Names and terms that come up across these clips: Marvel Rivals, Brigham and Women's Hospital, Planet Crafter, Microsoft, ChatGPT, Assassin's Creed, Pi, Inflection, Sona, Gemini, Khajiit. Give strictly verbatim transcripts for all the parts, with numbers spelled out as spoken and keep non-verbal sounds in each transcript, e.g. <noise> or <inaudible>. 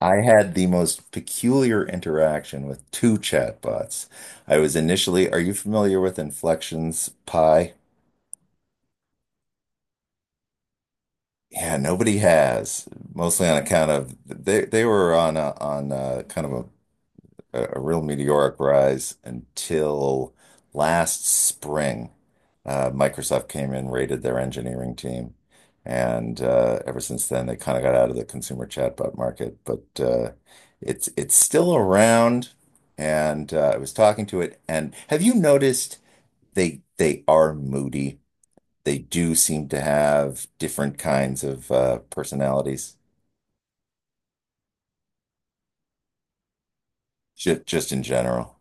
I had the most peculiar interaction with two chatbots. I was initially, are you familiar with Inflection's Pi? Yeah, nobody has, mostly on account of they they were on a, on a, kind of a a, a real meteoric rise until last spring. Uh, Microsoft came in, raided their engineering team, and uh, ever since then they kind of got out of the consumer chatbot market. But uh, it's it's still around, and uh, I was talking to it. And have you noticed they they are moody? They do seem to have different kinds of uh, personalities, just, just in general.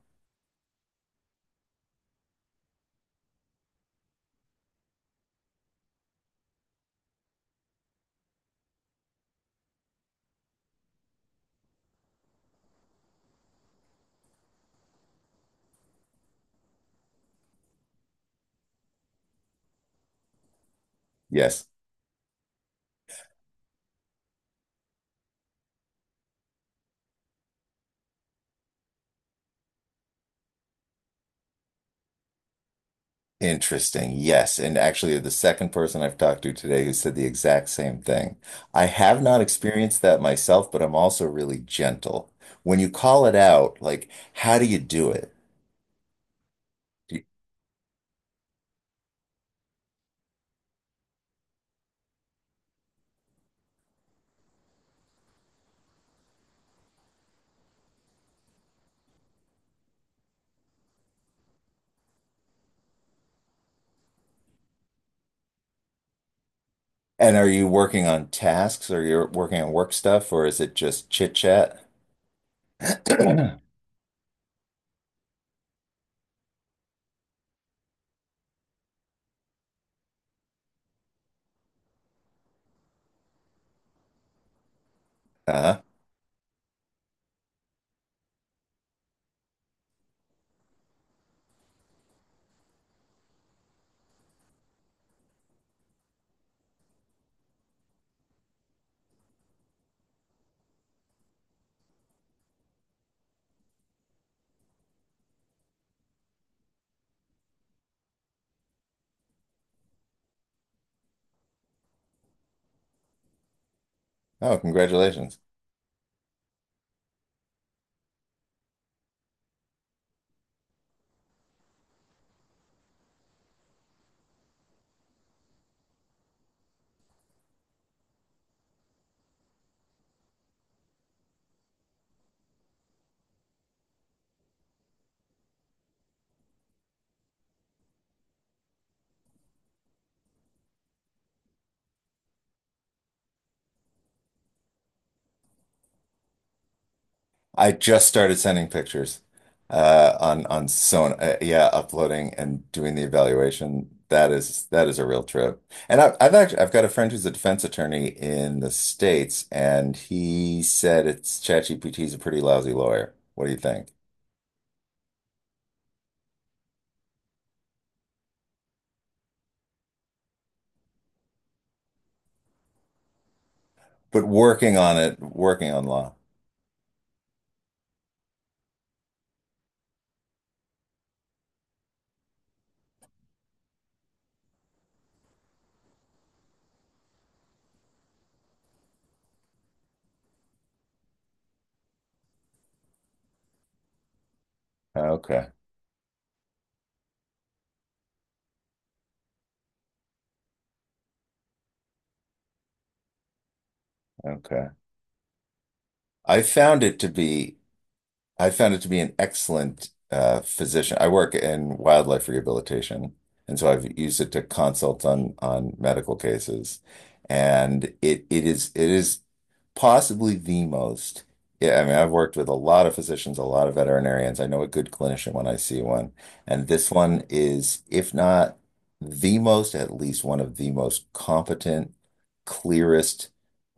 Yes. Interesting. Yes. And actually, you're the second person I've talked to today who said the exact same thing. I have not experienced that myself, but I'm also really gentle. When you call it out, like, how do you do it? Do- And are you working on tasks or you're working on work stuff or is it just chit chat? <clears throat> Uh-huh. Oh, congratulations. I just started sending pictures uh, on on Sona. Uh, yeah, uploading and doing the evaluation. That is that is a real trip. And I, I've actually I've got a friend who's a defense attorney in the States, and he said it's ChatGPT is a pretty lousy lawyer. What do you think? But working on it, working on law. Okay, okay. I found it to be. I found it to be an excellent uh, physician. I work in wildlife rehabilitation, and so I've used it to consult on on medical cases, and it it is it is possibly the most. Yeah, I mean, I've worked with a lot of physicians, a lot of veterinarians. I know a good clinician when I see one, and this one is, if not the most, at least one of the most competent, clearest,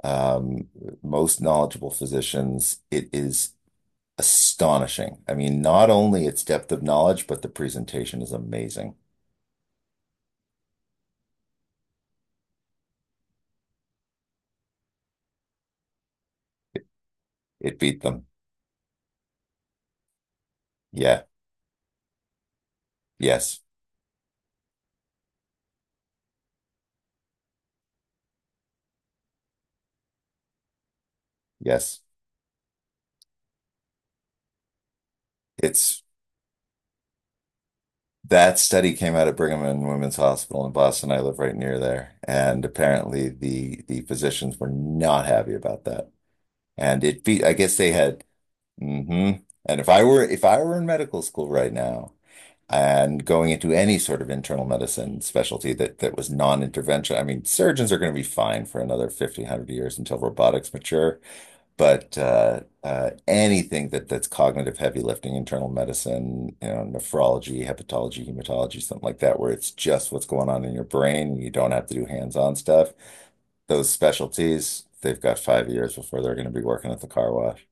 um, most knowledgeable physicians. It is astonishing. I mean, not only its depth of knowledge, but the presentation is amazing. It, it beat them. Yeah. Yes. Yes. It's that study came out of Brigham and Women's Hospital in Boston. I live right near there, and apparently the the physicians were not happy about that. And it beat. I guess they had mm-hmm. And if I were if I were in medical school right now and going into any sort of internal medicine specialty that that was non-intervention, I mean, surgeons are going to be fine for another fifty, one hundred years until robotics mature. But uh, uh, anything that that's cognitive heavy lifting, internal medicine, you know, nephrology, hepatology, hematology, something like that, where it's just what's going on in your brain, you don't have to do hands-on stuff. Those specialties, they've got five years before they're going to be working at the car wash.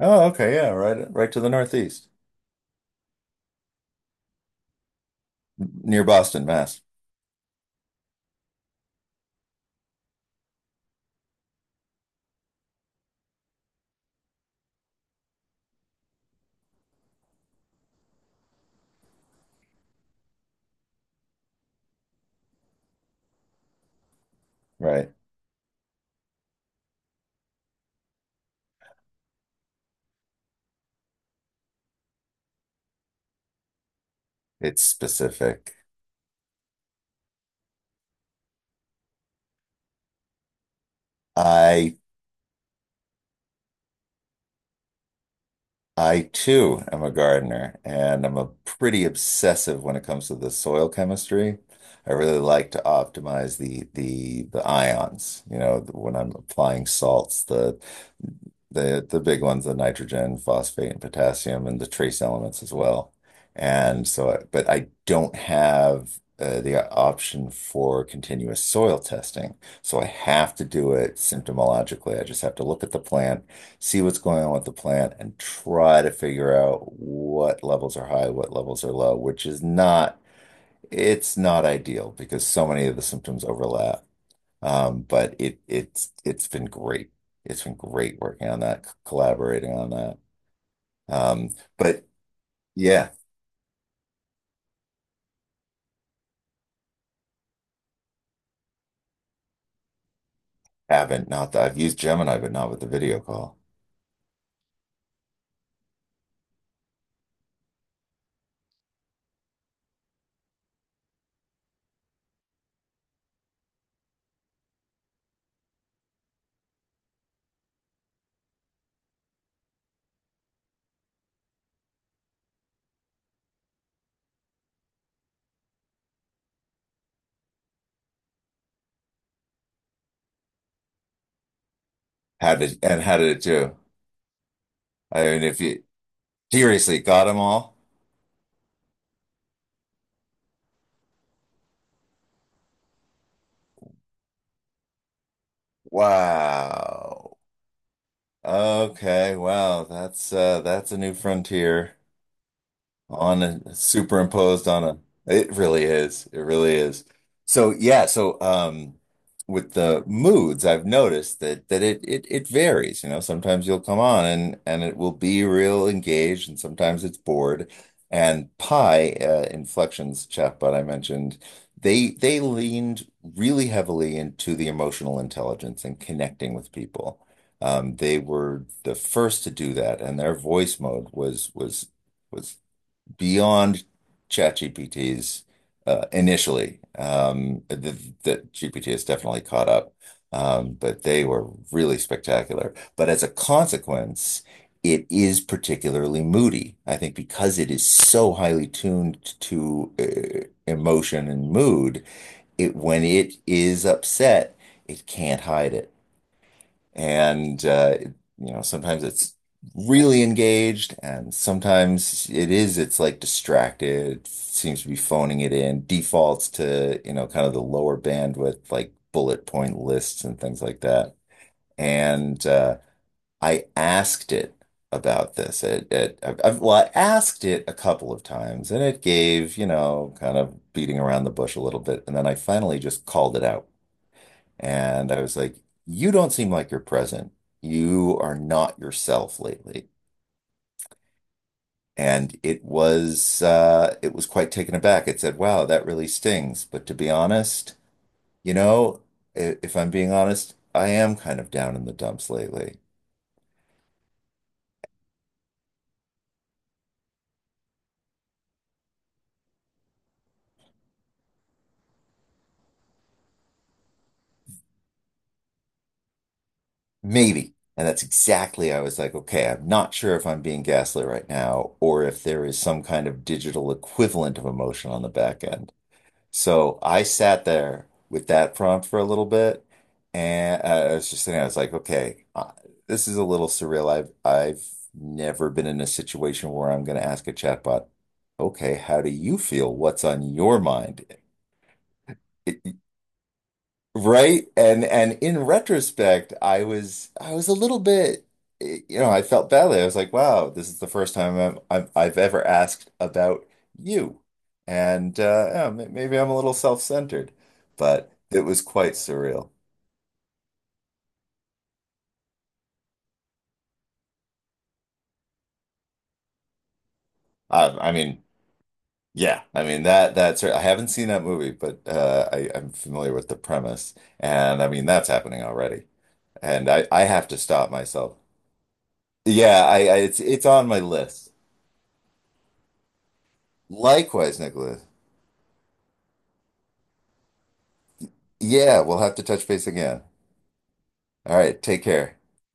Oh, okay, yeah, right, right to the northeast, near Boston, Mass. Right. It's specific. I I too am a gardener, and I'm a pretty obsessive when it comes to the soil chemistry. I really like to optimize the the the ions, you know, when I'm applying salts, the the the big ones, the nitrogen, phosphate, and potassium, and the trace elements as well. And so, I- but I don't have uh, the option for continuous soil testing, so I have to do it symptomologically. I just have to look at the plant, see what's going on with the plant and try to figure out what levels are high, what levels are low, which is not, it's not ideal because so many of the symptoms overlap. Um, but it it's it's been great. It's been great working on that, c- collaborating on that. Um, but yeah, haven't, not that I've used Gemini, but not with the video call. How did, and how did it do? I mean, if you seriously got them all, wow. Okay, wow, that's uh that's a new frontier on a superimposed on a, it really is it really is so yeah so um with the moods I've noticed that that it it it varies. You know, sometimes you'll come on and and it will be real engaged, and sometimes it's bored. And Pi, uh, Inflection's chatbot I mentioned, they they leaned really heavily into the emotional intelligence and connecting with people. um they were the first to do that, and their voice mode was was was beyond ChatGPT's, uh, initially. Um, The the G P T has definitely caught up, um, but they were really spectacular. But as a consequence, it is particularly moody. I think because it is so highly tuned to uh, emotion and mood, it when it is upset, it can't hide it. And uh, it- you know, sometimes it's really engaged, and sometimes it is. It's like distracted, seems to be phoning it in, defaults to, you know, kind of the lower bandwidth, like bullet point lists and things like that. And uh, I asked it about this. It, it, I've, I've- well, I asked it a couple of times, and it gave, you know, kind of beating around the bush a little bit, and then I finally just called it out. And I was like, you don't seem like you're present. You are not yourself lately. And it was uh, it was quite taken aback. It said, wow, that really stings. But to be honest, you know, i- if I'm being honest, I am kind of down in the dumps lately. Maybe. And that's exactly, I was like, okay, I'm not sure if I'm being gaslit right now or if there is some kind of digital equivalent of emotion on the back end. So I sat there with that prompt for a little bit, and I I was just sitting. I was like, okay, uh, this is a little surreal. I've I've never been in a situation where I'm going to ask a chatbot, okay, how do you feel? What's on your mind? Right? And and in retrospect, I was I was a little bit eh, you know, I felt badly. I was like, wow, this is the first time I've I've, I've ever asked about you. And uh yeah, m- maybe I'm a little self-centered, but it was quite surreal. Um, I mean, yeah, I mean that that's I haven't seen that movie, but uh I, I'm familiar with the premise. And I mean that's happening already. And I, I have to stop myself. Yeah, I, I it's it's on my list. Likewise, Nicholas. Yeah, we'll have to touch base again. All right, take care.